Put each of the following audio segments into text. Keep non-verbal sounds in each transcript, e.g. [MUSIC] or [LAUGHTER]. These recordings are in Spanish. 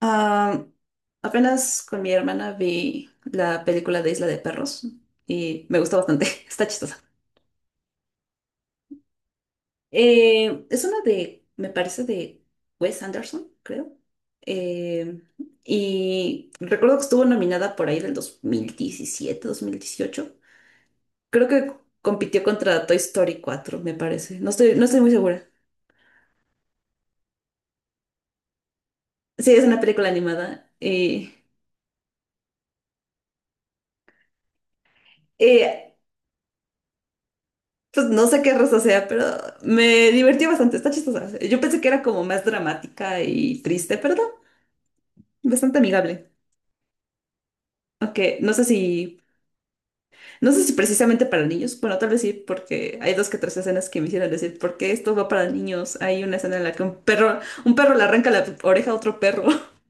Ah, apenas con mi hermana vi la película de Isla de Perros y me gustó bastante, [LAUGHS] está chistosa. Es una de, me parece, de Wes Anderson, creo. Eh, y recuerdo que estuvo nominada por ahí del dos mil diecisiete 2018. Creo que compitió contra Toy Story 4, me parece. No estoy muy segura. Sí, es una película animada. Y eh, pues no sé qué raza sea, pero me divertí bastante, está chistosa. Yo pensé que era como más dramática y triste, pero no, bastante amigable. Aunque no sé si precisamente para niños, bueno, tal vez sí, porque hay dos que tres escenas que me hicieron decir, ¿por qué esto va para niños? Hay una escena en la que un perro le arranca la oreja a otro perro. [LAUGHS]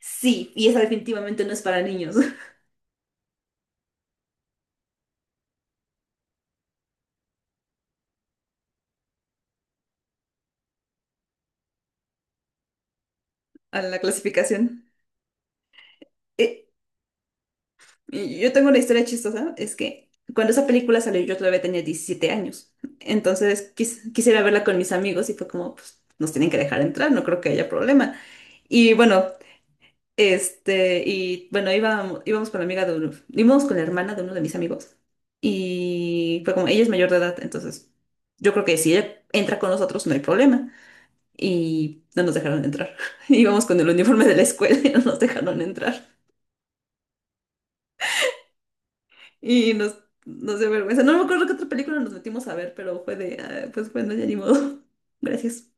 Sí, y esa definitivamente no es para niños. [LAUGHS] A la clasificación. E- Y yo tengo una historia chistosa, es que cuando esa película salió yo todavía tenía 17 años, entonces quisiera verla con mis amigos y fue como, pues nos tienen que dejar entrar, no creo que haya problema. Y bueno, íbamos con la amiga de uno, íbamos con la hermana de uno de mis amigos y fue como, ella es mayor de edad, entonces yo creo que si ella entra con nosotros no hay problema. Y no nos dejaron entrar. [LAUGHS] Íbamos con el uniforme de la escuela y no nos dejaron entrar. Y nos dio vergüenza. No me acuerdo qué otra película nos metimos a ver, pero fue de, "Ah, pues bueno, ya ni modo". [LAUGHS] Gracias.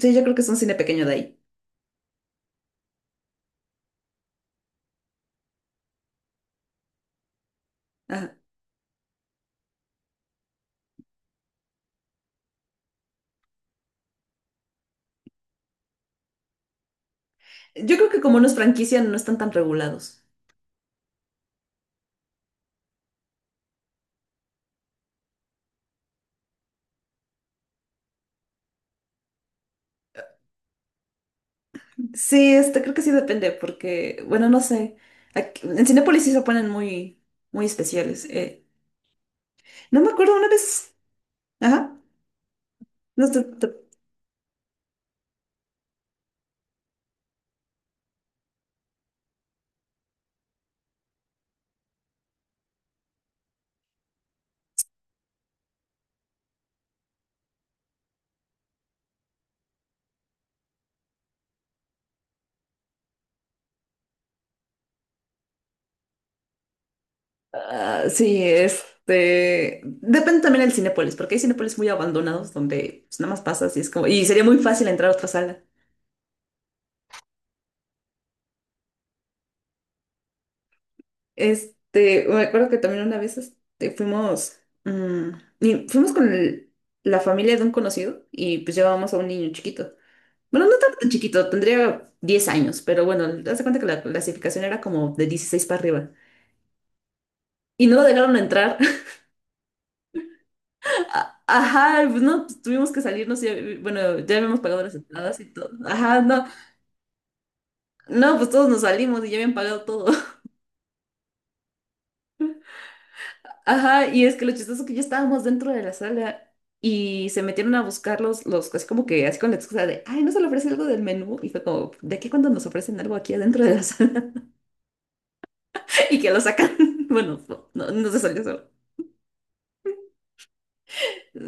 Sí, yo creo que es un cine pequeño de ahí. Ajá. Yo creo que como nos franquician, no están tan regulados. Sí, creo que sí depende, porque, bueno, no sé. En Cinépolis sí se ponen muy, muy especiales. No me acuerdo una vez. Ajá. No, ah, sí. Depende también del Cinépolis, porque hay Cinépolis muy abandonados donde pues, nada más pasas y es como. Y sería muy fácil entrar a otra sala. Me acuerdo que también una vez, mm, y fuimos con la familia de un conocido y pues llevábamos a un niño chiquito. Bueno, no estaba tan chiquito, tendría 10 años, pero bueno, haz de cuenta que la clasificación era como de 16 para arriba. Y no lo dejaron entrar. [LAUGHS] Ajá, pues no, pues, tuvimos que salirnos y bueno, ya habíamos pagado las entradas y todo. Ajá, no, no, pues todos nos salimos y ya habían pagado todo. Ajá, y es que lo chistoso que ya estábamos dentro de la sala y se metieron a buscarlos, así como que, así con la excusa de, ay, no se le ofrece algo del menú. Y fue como, ¿de qué cuando nos ofrecen algo aquí adentro de la sala? [LAUGHS] Y que lo sacan. [LAUGHS] Bueno, no, no, no se salió eso.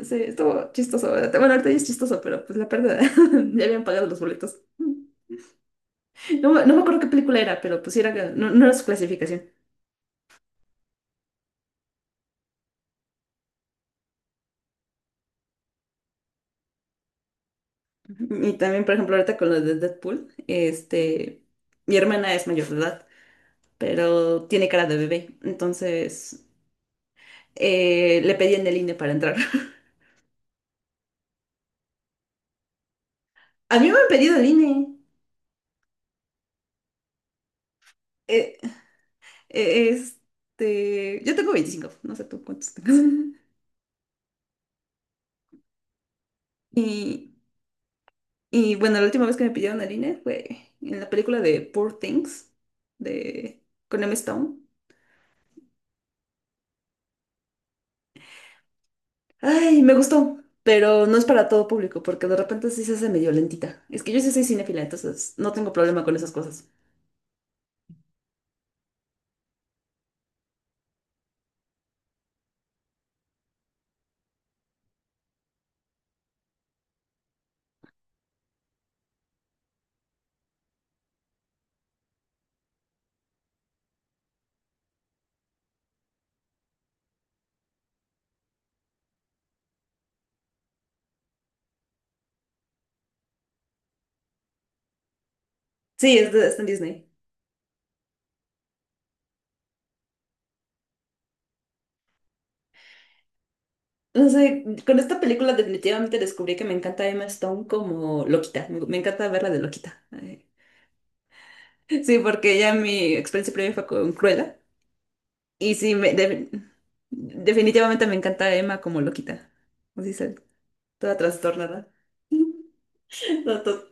Sí, estuvo chistoso, ¿verdad? Bueno, ahorita ya es chistoso, pero pues la pérdida. [LAUGHS] Ya habían pagado los boletos. No, no me acuerdo qué película era, pero pues sí era, no, no era su clasificación. Y también, por ejemplo, ahorita con lo de Deadpool, mi hermana es mayor de edad, pero tiene cara de bebé. Entonces, le pedí en el INE para entrar. [LAUGHS] A mí me han pedido el INE. Eh, yo tengo 25, no sé tú cuántos tengas. [LAUGHS] Y, y bueno, la última vez que me pidieron el INE fue en la película de Poor Things, de, con Emma Stone. Ay, me gustó, pero no es para todo público, porque de repente sí se hace medio lentita. Es que yo sí soy cinéfila, entonces no tengo problema con esas cosas. Sí, está en Disney. No sé, con esta película definitivamente descubrí que me encanta Emma Stone como loquita. Me encanta verla de loquita. Ay. Sí, porque ya mi experiencia previa fue con Cruella. Y sí, definitivamente me encanta Emma como loquita. Así se, toda trastornada. [LAUGHS] No,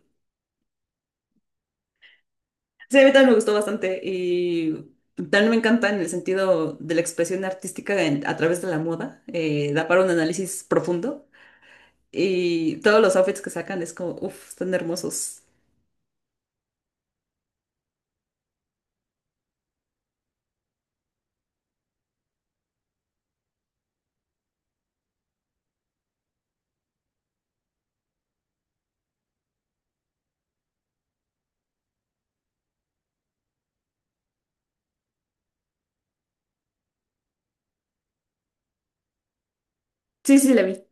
sí, a mí también me gustó bastante. Y también me encanta en el sentido de la expresión artística a través de la moda. Da para un análisis profundo. Y todos los outfits que sacan es como, uff, están hermosos. Sí, sí, la vi.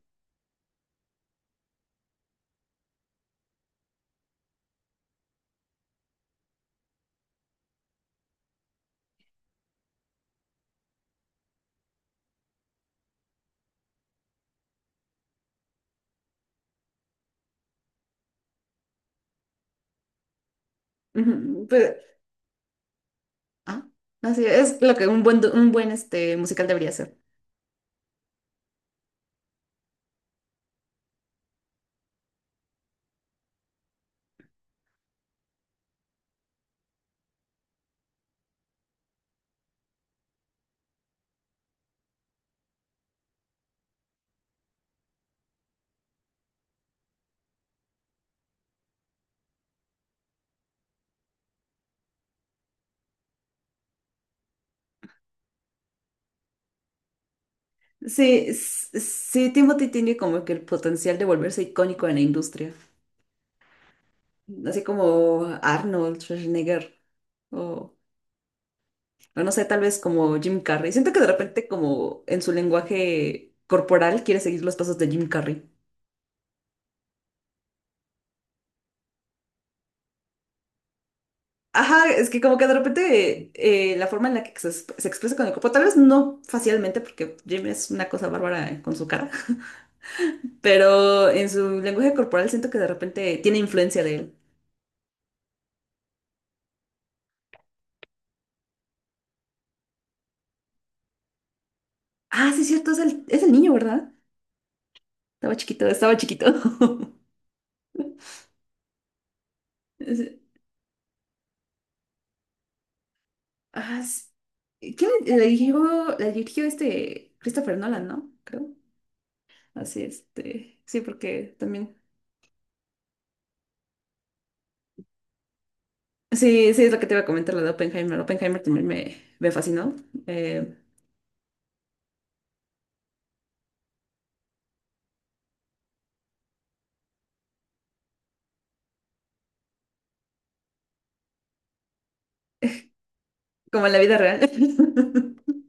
Ujú. Ah, así es lo que un buen, un buen, musical debería ser. Sí, sí, Timothy tiene como que el potencial de volverse icónico en la industria. Así como Arnold Schwarzenegger o, o no sé, tal vez como Jim Carrey. Siento que de repente como en su lenguaje corporal quiere seguir los pasos de Jim Carrey. Ajá, es que como que de repente la forma en la que se, se expresa con el cuerpo, tal vez no facialmente, porque Jim es una cosa bárbara con su cara. Pero en su lenguaje corporal siento que de repente tiene influencia de él. Ah, sí, es cierto, es el niño, ¿verdad? Estaba chiquito, estaba chiquito. [LAUGHS] Es- ah, sí. ¿Quién le dirigió? La dirigió Christopher Nolan, ¿no? Creo. Así, Sí, porque también. Sí, sí, es lo que te iba a comentar, lo de Oppenheimer. Oppenheimer también me fascinó. eh, Como en la vida real. [LAUGHS]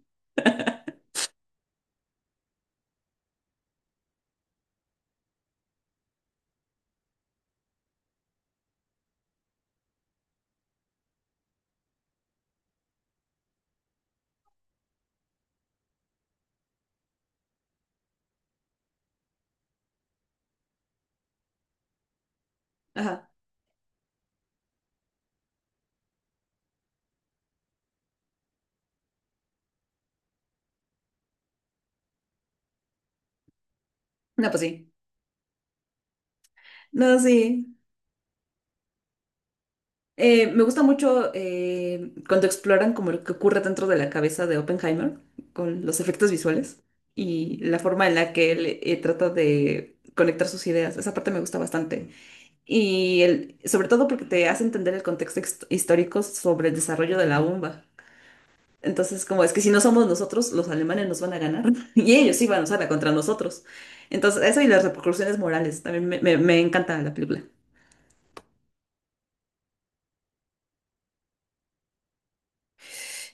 Ajá. No, pues sí. No, sí. Me gusta mucho cuando exploran como lo que ocurre dentro de la cabeza de Oppenheimer con los efectos visuales y la forma en la que él, trata de conectar sus ideas. Esa parte me gusta bastante. Y sobre todo porque te hace entender el contexto histórico sobre el desarrollo de la bomba. Entonces, como es que si no somos nosotros, los alemanes nos van a ganar [LAUGHS] y ellos sí van a usarla contra nosotros. Entonces, eso y las repercusiones morales también me encanta la película.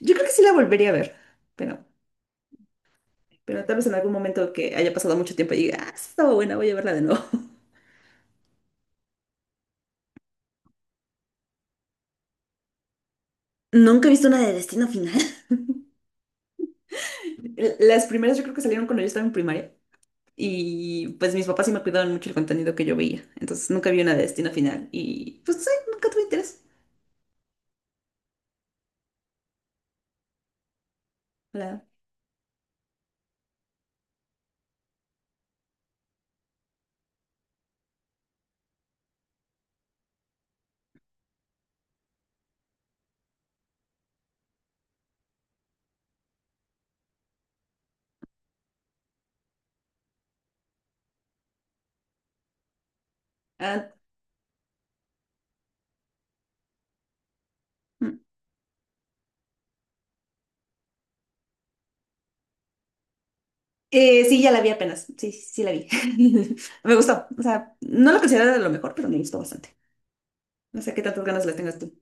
Yo creo que sí la volvería a ver, pero... Pero tal vez en algún momento que haya pasado mucho tiempo y diga, ah, esa estaba buena, voy a verla de nuevo. [LAUGHS] Nunca he visto una de Destino Final. [LAUGHS] Las primeras yo creo que salieron cuando yo estaba en primaria y pues mis papás sí me cuidaban mucho el contenido que yo veía, entonces nunca vi una de Destino Final y pues sí, nunca tuve interés. La- ah, mm. Sí, ya la vi apenas, sí, sí, sí la vi. [LAUGHS] Me gustó, o sea, no la considero de lo mejor, pero me gustó bastante. No sé qué tantas ganas le tengas tú.